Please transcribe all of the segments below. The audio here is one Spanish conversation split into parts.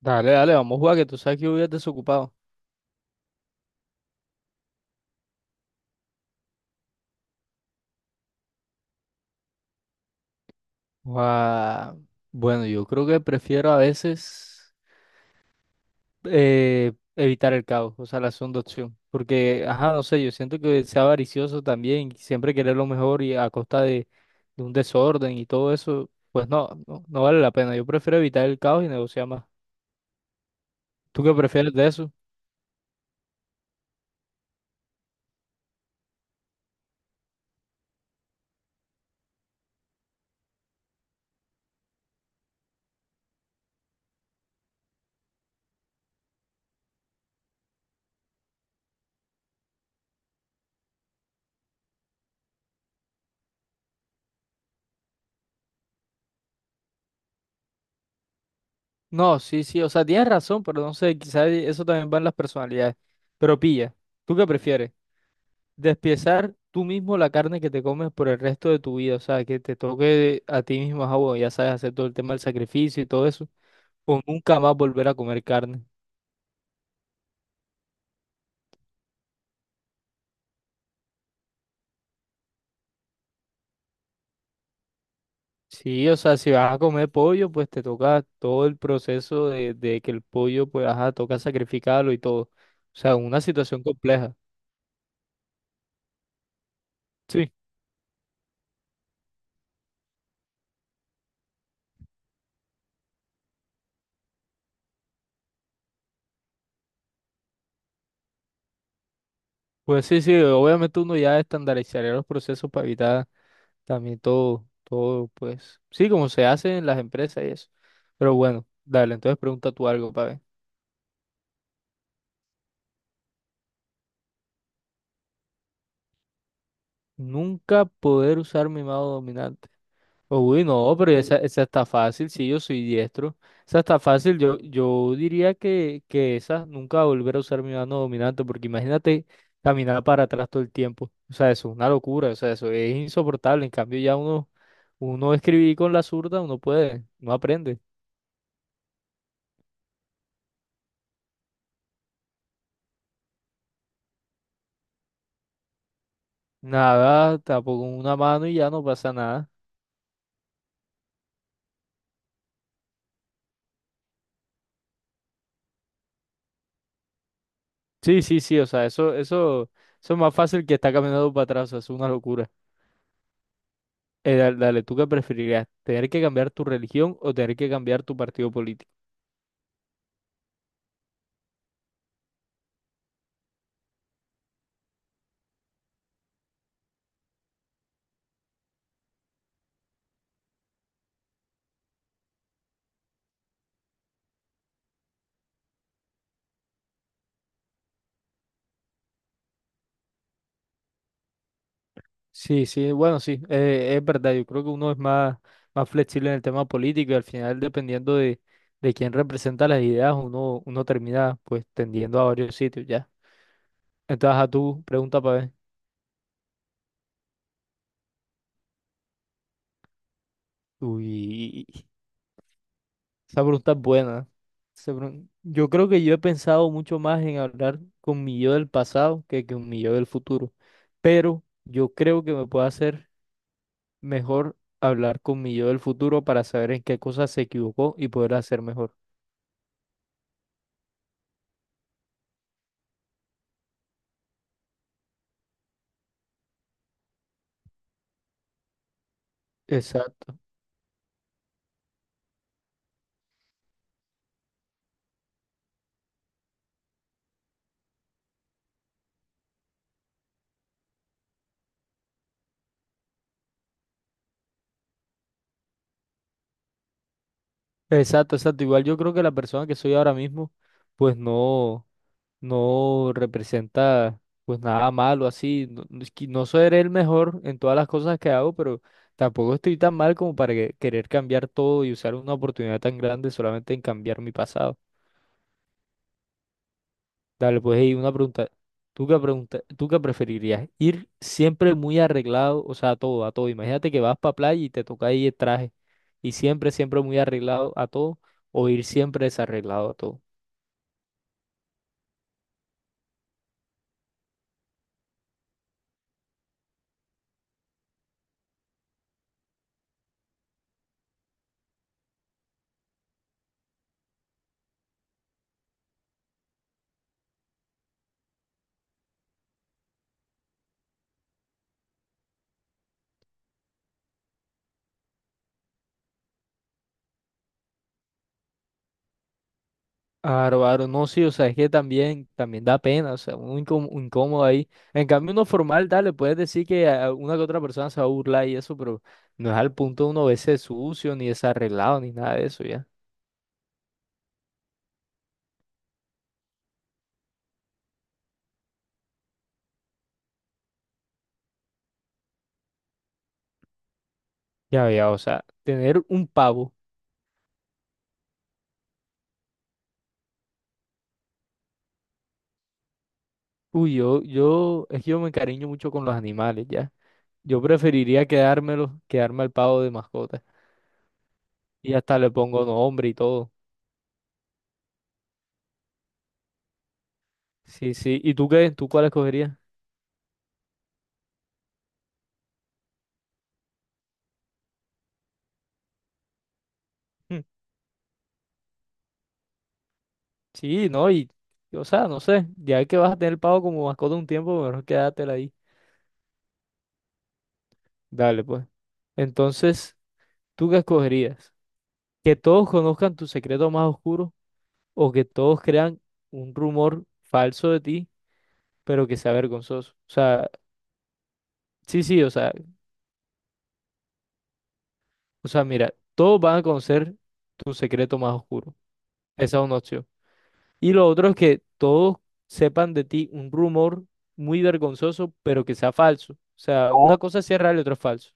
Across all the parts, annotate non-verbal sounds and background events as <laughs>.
Dale, dale, vamos a jugar, que tú sabes que yo voy a desocupado. Ah, bueno, yo creo que prefiero a veces evitar el caos, o sea, la segunda opción. Porque, ajá, no sé, yo siento que sea avaricioso también, y siempre querer lo mejor y a costa de un desorden y todo eso, pues no, no vale la pena. Yo prefiero evitar el caos y negociar más. ¿Tú qué prefieres de eso? No, sí, sí, o sea, tienes razón, pero no sé, quizás eso también va en las personalidades. Pero pilla, ¿tú qué prefieres? Despiezar tú mismo la carne que te comes por el resto de tu vida, o sea, que te toque a ti mismo, ah, bueno, ya sabes, hacer todo el tema del sacrificio y todo eso, o nunca más volver a comer carne. Sí, o sea, si vas a comer pollo, pues te toca todo el proceso de que el pollo, pues, ajá, toca sacrificarlo y todo. O sea, una situación compleja. Sí, pues sí, sí, obviamente uno ya estandarizaría los procesos para evitar también todo, pues, sí, como se hace en las empresas y eso. Pero bueno, dale, entonces pregunta tú algo, para nunca poder usar mi mano dominante. Uy, no, pero esa está fácil, sí, yo soy diestro. Esa está fácil, yo diría que esa nunca volver a usar mi mano dominante, porque imagínate caminar para atrás todo el tiempo. O sea, eso es una locura, o sea, eso es insoportable. En cambio, uno escribir con la zurda, uno puede, no aprende. Nada, tampoco una mano y ya no pasa nada. Sí, sí, sí, o sea, eso, eso es más fácil que estar caminando para atrás, o sea, es una locura. Dale, dale, ¿tú qué preferirías? ¿Tener que cambiar tu religión o tener que cambiar tu partido político? Sí, sí, bueno, sí, es verdad. Yo creo que uno es más flexible en el tema político y al final, dependiendo de quién representa las ideas, uno termina pues tendiendo a varios sitios ya. Entonces, a tu pregunta para ver. Uy, esa pregunta es buena. ¿No? Yo creo que yo he pensado mucho más en hablar con mi yo del pasado que con mi yo del futuro. Pero yo creo que me puedo hacer. Mejor hablar con mi yo del futuro para saber en qué cosas se equivocó y poder hacer mejor. Exacto. Exacto, exacto. Igual yo creo que la persona que soy ahora mismo, pues no, no representa pues nada malo así. No, no es que no seré el mejor en todas las cosas que hago, pero tampoco estoy tan mal como para que querer cambiar todo y usar una oportunidad tan grande solamente en cambiar mi pasado. Dale, pues hey una pregunta. Tú qué preferirías? Ir siempre muy arreglado, o sea, a todo. Imagínate que vas para playa y te toca ahí el traje y siempre muy arreglado a todo, o ir siempre desarreglado a todo. Aro, aro, no, sí, o sea, es que también da pena, o sea, un un incómodo ahí. En cambio, uno formal, dale, puedes decir que a una que otra persona se va a burlar y eso, pero no es al punto de uno verse sucio, ni desarreglado, ni nada de eso, ya. Ya, ya, o sea, tener un pavo. Uy, yo, es que yo me encariño mucho con los animales, ¿ya? Quedarme al pavo de mascota. Y hasta le pongo nombre y todo. Sí, sí. ¿Y tú qué? ¿Tú cuál escogerías? Hmm, sí, no, y, o sea, no sé. Ya que vas a tener el pavo como mascota un tiempo, mejor quédatela ahí. Dale, pues. Entonces, ¿tú qué escogerías? ¿Que todos conozcan tu secreto más oscuro o que todos crean un rumor falso de ti, pero que sea vergonzoso? Sí, sí, o sea, O sea, mira, todos van a conocer tu secreto más oscuro. Esa es una opción. Y lo otro es que todos sepan de ti un rumor muy vergonzoso, pero que sea falso. O sea, una cosa sí es real y otra es falso.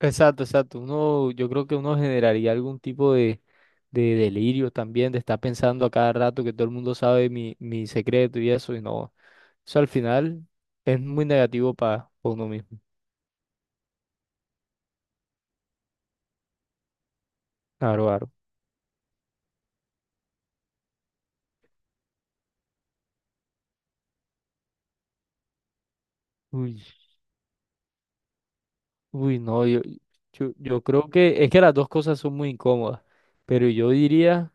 Exacto, exacto. Uno, yo creo que uno generaría algún tipo de delirio también, de estar pensando a cada rato que todo el mundo sabe mi secreto y eso, y no. Eso al final es muy negativo para uno mismo. Claro, claro. Uy, no, yo, yo creo que es que las dos cosas son muy incómodas, pero yo diría,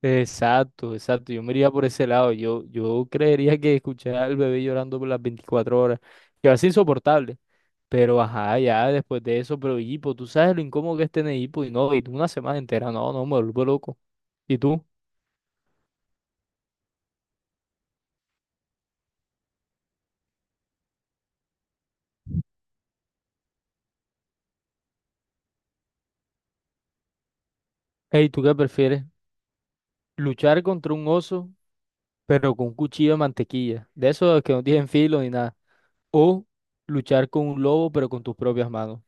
exacto, exacto, yo me iría por ese lado, yo creería que escuchar al bebé llorando por las 24 horas, que va a ser insoportable, pero ajá, ya después de eso, pero hipo, tú sabes lo incómodo que es tener hipo y no, y tú una semana entera, no, no, me vuelvo loco. ¿Y tú? Ey, ¿tú qué prefieres? ¿Luchar contra un oso, pero con un cuchillo de mantequilla, de esos que no tienen filo ni nada? ¿O luchar con un lobo, pero con tus propias manos?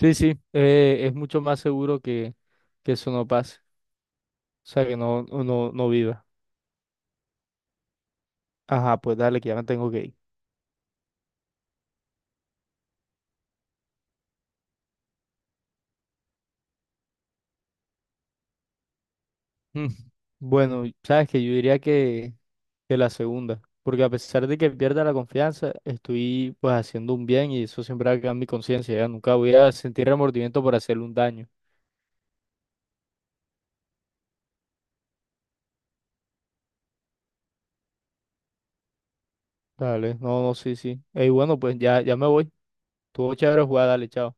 Sí, sí, es mucho más seguro que eso no pase, o sea, que no, no viva. Ajá, pues dale, que ya me tengo que ir. <laughs> Mm. Bueno, sabes que yo diría que la segunda, porque a pesar de que pierda la confianza, estoy pues haciendo un bien y eso siempre va a quedar en mi conciencia, ya nunca voy a sentir remordimiento por hacerle un daño. Dale, no, no, sí, sí. Ey, bueno, pues ya me voy. Tuvo chévere jugar, dale, chao.